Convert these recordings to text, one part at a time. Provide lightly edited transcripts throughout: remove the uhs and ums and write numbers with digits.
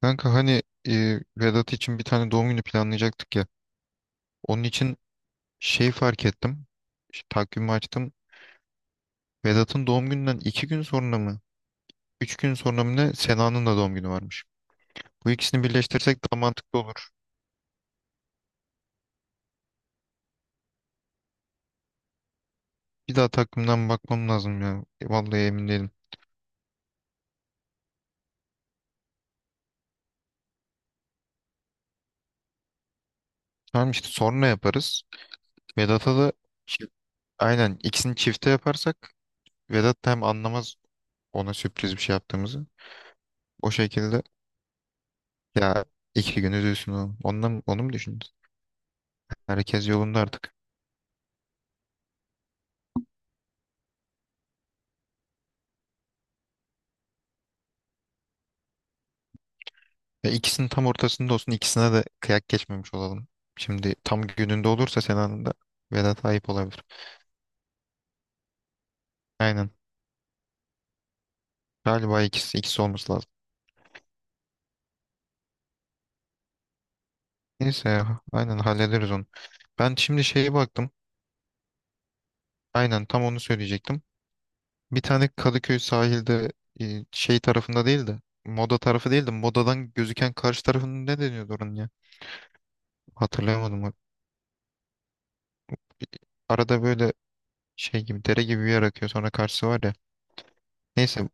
Kanka hani Vedat için bir tane doğum günü planlayacaktık ya. Onun için şey fark ettim. Takvimi açtım. Vedat'ın doğum gününden 2 gün sonra mı? 3 gün sonra mı ne? Sena'nın da doğum günü varmış. Bu ikisini birleştirsek daha mantıklı olur. Bir daha takvimden bakmam lazım ya. Vallahi emin değilim. Tamam işte sonra yaparız. Vedat'a da çi- aynen ikisini çifte yaparsak Vedat da hem anlamaz ona sürpriz bir şey yaptığımızı. O şekilde ya, 2 gün üzülsün o. Onu mu düşündün? Herkes yolunda artık. Ya, ikisinin tam ortasında olsun. İkisine de kıyak geçmemiş olalım. Şimdi tam gününde olursa Sena'nın da Vedat ayıp olabilir. Aynen. Galiba ikisi olması lazım. Neyse ya, aynen hallederiz onu. Ben şimdi şeye baktım. Aynen, tam onu söyleyecektim. Bir tane Kadıköy sahilde, şey tarafında değil de, Moda tarafı değil de Moda'dan gözüken karşı tarafının ne deniyordu oranın ya? Hatırlayamadım. Bak. Arada böyle şey gibi, dere gibi bir yer akıyor, sonra karşısı var ya. Neyse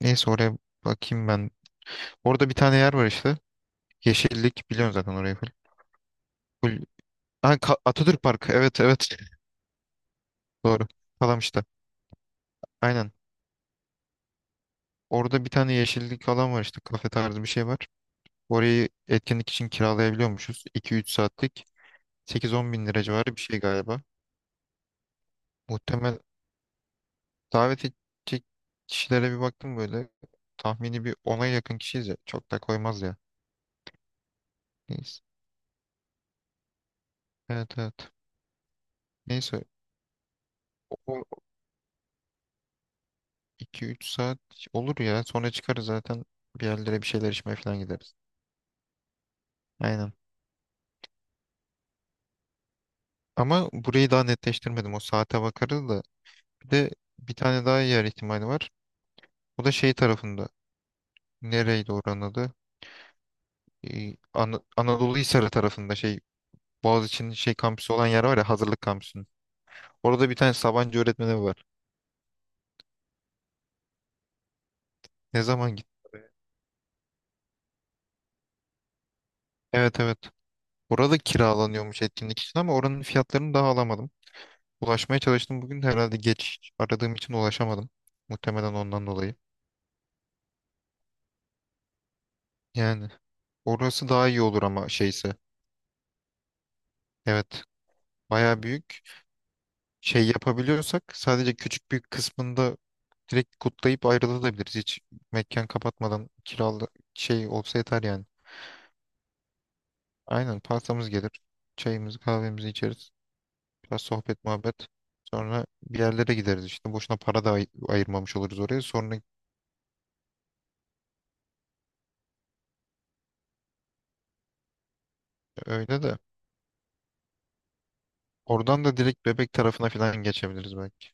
neyse, oraya bakayım ben. Orada bir tane yer var işte. Yeşillik, biliyorsun zaten orayı. Full. Full- Ha, Atatürk Parkı. Evet, evet. Doğru. Kalamış'ta. Aynen. Orada bir tane yeşillik alan var işte. Kafe tarzı bir şey var. Orayı etkinlik için kiralayabiliyormuşuz. 2-3 saatlik. 8-10 bin lira civarı bir şey galiba. Muhtemel davet edecek kişilere bir baktım böyle. Tahmini bir ona yakın kişiyiz ya. Çok da koymaz ya. Neyse. Evet, evet. Neyse. O 2-3 saat olur ya. Sonra çıkarız zaten. Bir yerlere bir şeyler içmeye falan gideriz. Aynen. Ama burayı daha netleştirmedim. O saate bakarız da. Bir de bir tane daha yer ihtimali var. O da şey tarafında. Nereydi oranın adı? Anadolu Hisarı tarafında şey, Boğaziçi'nin şey kampüsü olan yer var ya, hazırlık kampüsünün. Orada bir tane Sabancı öğretmeni var. Ne zaman gittim oraya? Evet, evet. Orada kiralanıyormuş etkinlik için, ama oranın fiyatlarını daha alamadım. Ulaşmaya çalıştım bugün de, herhalde geç aradığım için ulaşamadım. Muhtemelen ondan dolayı. Yani orası daha iyi olur ama şeyse. Evet. Baya büyük. Şey yapabiliyorsak sadece küçük bir kısmında direkt kutlayıp ayrılabiliriz. Hiç mekan kapatmadan, kiralı şey olsa yeter yani. Aynen, pastamız gelir. Çayımızı kahvemizi içeriz. Biraz sohbet muhabbet. Sonra bir yerlere gideriz işte. Boşuna para da ayırmamış oluruz oraya. Sonra öyle de. Oradan da direkt Bebek tarafına falan geçebiliriz belki.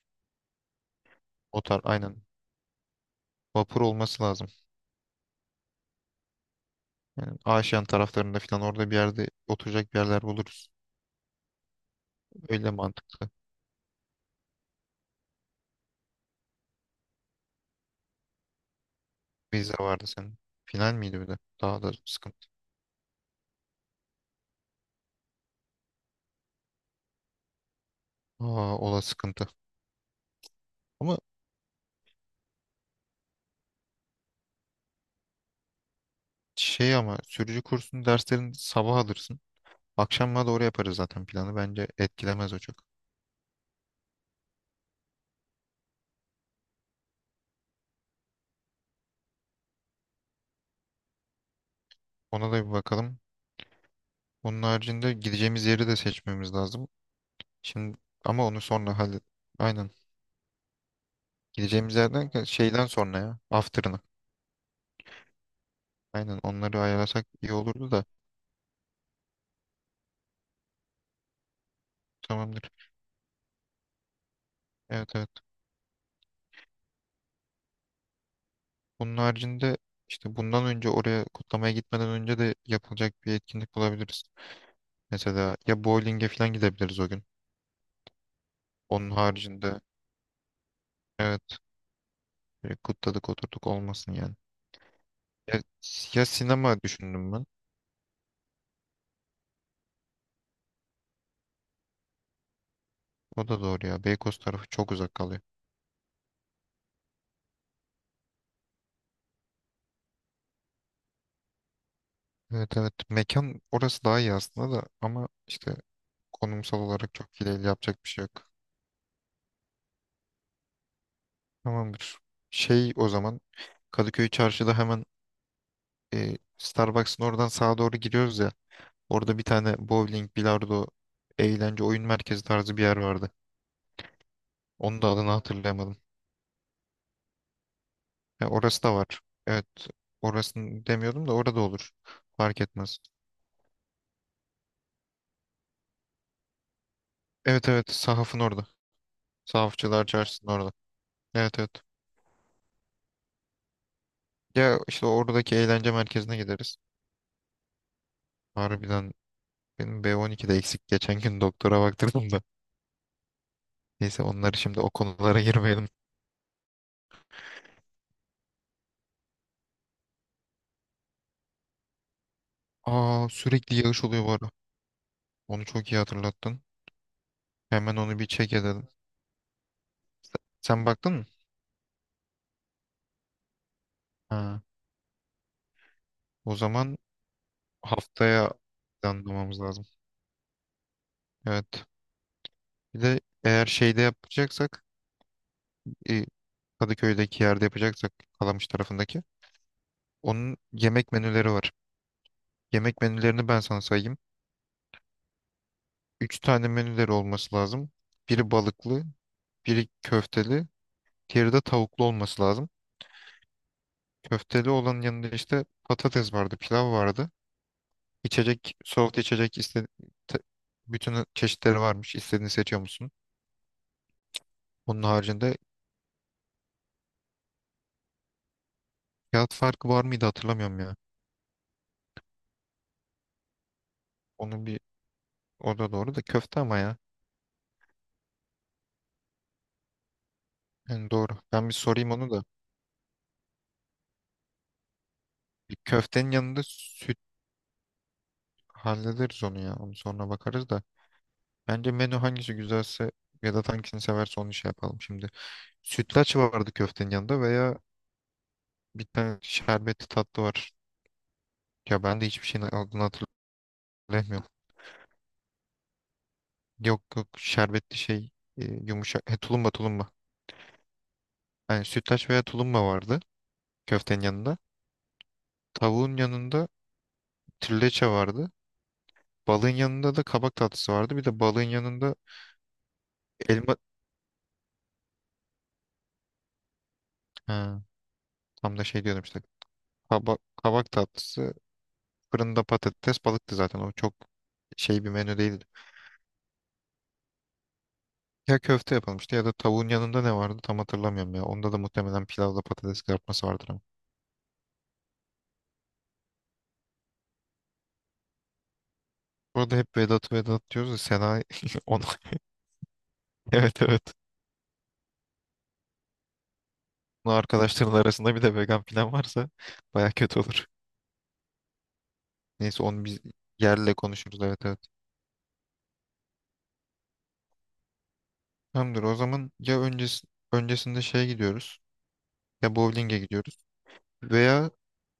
O tar aynen. Vapur olması lazım. Yani Aşiyan taraflarında falan, orada bir yerde oturacak bir yerler buluruz. Öyle mantıklı. Vize vardı senin. Final miydi bir de? Daha da sıkıntı. Aa, o da sıkıntı. Ama ama sürücü kursunun derslerini sabah alırsın. Akşama doğru yaparız zaten planı. Bence etkilemez o çok. Ona da bir bakalım. Onun haricinde gideceğimiz yeri de seçmemiz lazım. Şimdi ama onu sonra hallet. Aynen. Gideceğimiz yerden şeyden sonra ya. After'ına. Aynen, onları ayarlasak iyi olurdu da. Tamamdır. Evet, evet. Bunun haricinde, işte bundan önce oraya kutlamaya gitmeden önce de yapılacak bir etkinlik bulabiliriz. Mesela ya bowling'e falan gidebiliriz o gün. Onun haricinde, evet, böyle kutladık oturduk olmasın yani. Ya, ya, sinema düşündüm ben. O da doğru ya. Beykoz tarafı çok uzak kalıyor. Evet, evet, mekan orası daha iyi aslında da, ama işte konumsal olarak çok iyi değil, yapacak bir şey yok. Tamamdır. Şey, o zaman Kadıköy Çarşı'da hemen, Starbucks'ın oradan sağa doğru giriyoruz ya. Orada bir tane bowling, bilardo, eğlence, oyun merkezi tarzı bir yer vardı. Onun da adını hatırlayamadım. Ya, orası da var. Evet. Orasını demiyordum da, orada olur. Fark etmez. Evet, evet. Sahafın orada. Sahafçılar Çarşısı'nın orada. Evet, evet. Ya işte oradaki eğlence merkezine gideriz. Harbiden benim B12'de eksik. Geçen gün doktora baktırdım da. Neyse, onları şimdi, o konulara girmeyelim. Aa, sürekli yağış oluyor bu ara. Onu çok iyi hatırlattın. Hemen onu bir check edelim. Sen baktın mı? Ha. O zaman haftaya planlamamız lazım. Evet. Bir de eğer şeyde yapacaksak, e, Kadıköy'deki yerde yapacaksak, Kalamış tarafındaki. Onun yemek menüleri var. Yemek menülerini ben sana sayayım. Üç tane menüleri olması lazım. Biri balıklı, biri köfteli, diğeri de tavuklu olması lazım. Köfteli olanın yanında işte patates vardı, pilav vardı. İçecek, soğuk içecek te- bütün çeşitleri varmış. İstediğini seçiyor musun? Onun haricinde, fiyat farkı var mıydı hatırlamıyorum ya. Onun bir o da doğru da, köfte ama ya. Yani doğru. Ben bir sorayım onu da. Bir köftenin yanında süt. Hallederiz onu ya. Onu sonra bakarız da. Bence menü hangisi güzelse, ya da hangisini severse, onu şey yapalım şimdi. Sütlaç vardı köftenin yanında, veya bir tane şerbetli tatlı var. Ya ben de hiçbir şeyin adını hatırlamıyorum. Yok, yok, şerbetli şey, yumuşak. He, tulumba, tulumba. Yani sütlaç veya tulumba vardı köftenin yanında. Tavuğun yanında trileçe vardı. Balığın yanında da kabak tatlısı vardı. Bir de balığın yanında elma... Ha, tam da şey diyordum işte. Kabak, kabak tatlısı. Fırında patates balıktı zaten. O çok şey bir menü değildi. Ya köfte yapılmıştı, ya da tavuğun yanında ne vardı tam hatırlamıyorum ya. Onda da muhtemelen pilavla patates kızartması vardır ama. Burada hep Vedat'ı Vedat diyoruz da, Sena onu. Evet, evet. Bunu arkadaşların arasında bir de vegan falan varsa baya kötü olur. Neyse, onu biz yerle konuşuruz, evet, evet. Tamamdır o zaman. Ya öncesinde şeye gidiyoruz, ya bowling'e gidiyoruz, veya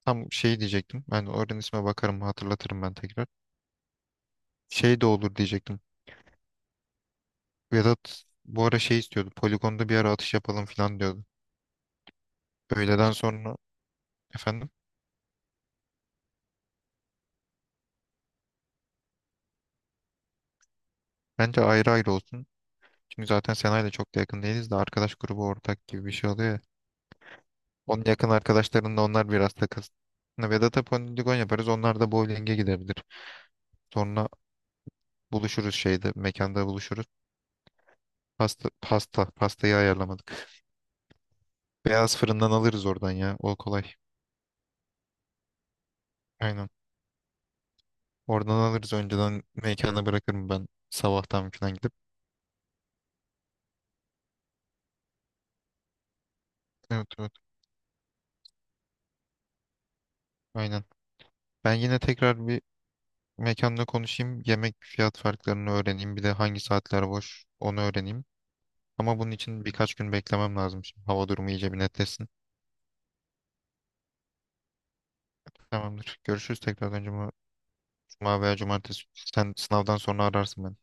tam şey diyecektim. Ben oranın isme bakarım, hatırlatırım ben tekrar. Şey de olur diyecektim. Vedat bu ara şey istiyordu. Poligonda bir ara atış yapalım falan diyordu. Öğleden sonra, efendim. Bence ayrı ayrı olsun. Çünkü zaten Sena'yla çok da yakın değiliz de, arkadaş grubu ortak gibi bir şey oluyor ya. Onun yakın arkadaşlarında, onlar biraz takılsın. Hani Vedat'a poligon yaparız. Onlar da bowling'e gidebilir. Sonra buluşuruz şeyde. Mekanda buluşuruz. Pasta, pasta. Pastayı ayarlamadık. Beyaz fırından alırız oradan ya. O kolay. Aynen. Oradan alırız. Önceden mekana bırakırım ben. Sabahtan falan gidip. Evet, evet. Aynen. Ben yine tekrar bir mekanla konuşayım, yemek fiyat farklarını öğreneyim, bir de hangi saatler boş onu öğreneyim. Ama bunun için birkaç gün beklemem lazım şimdi. Hava durumu iyice bir netleşsin. Tamamdır. Görüşürüz tekrar, önce cuma, cuma veya cumartesi. Sen sınavdan sonra ararsın beni.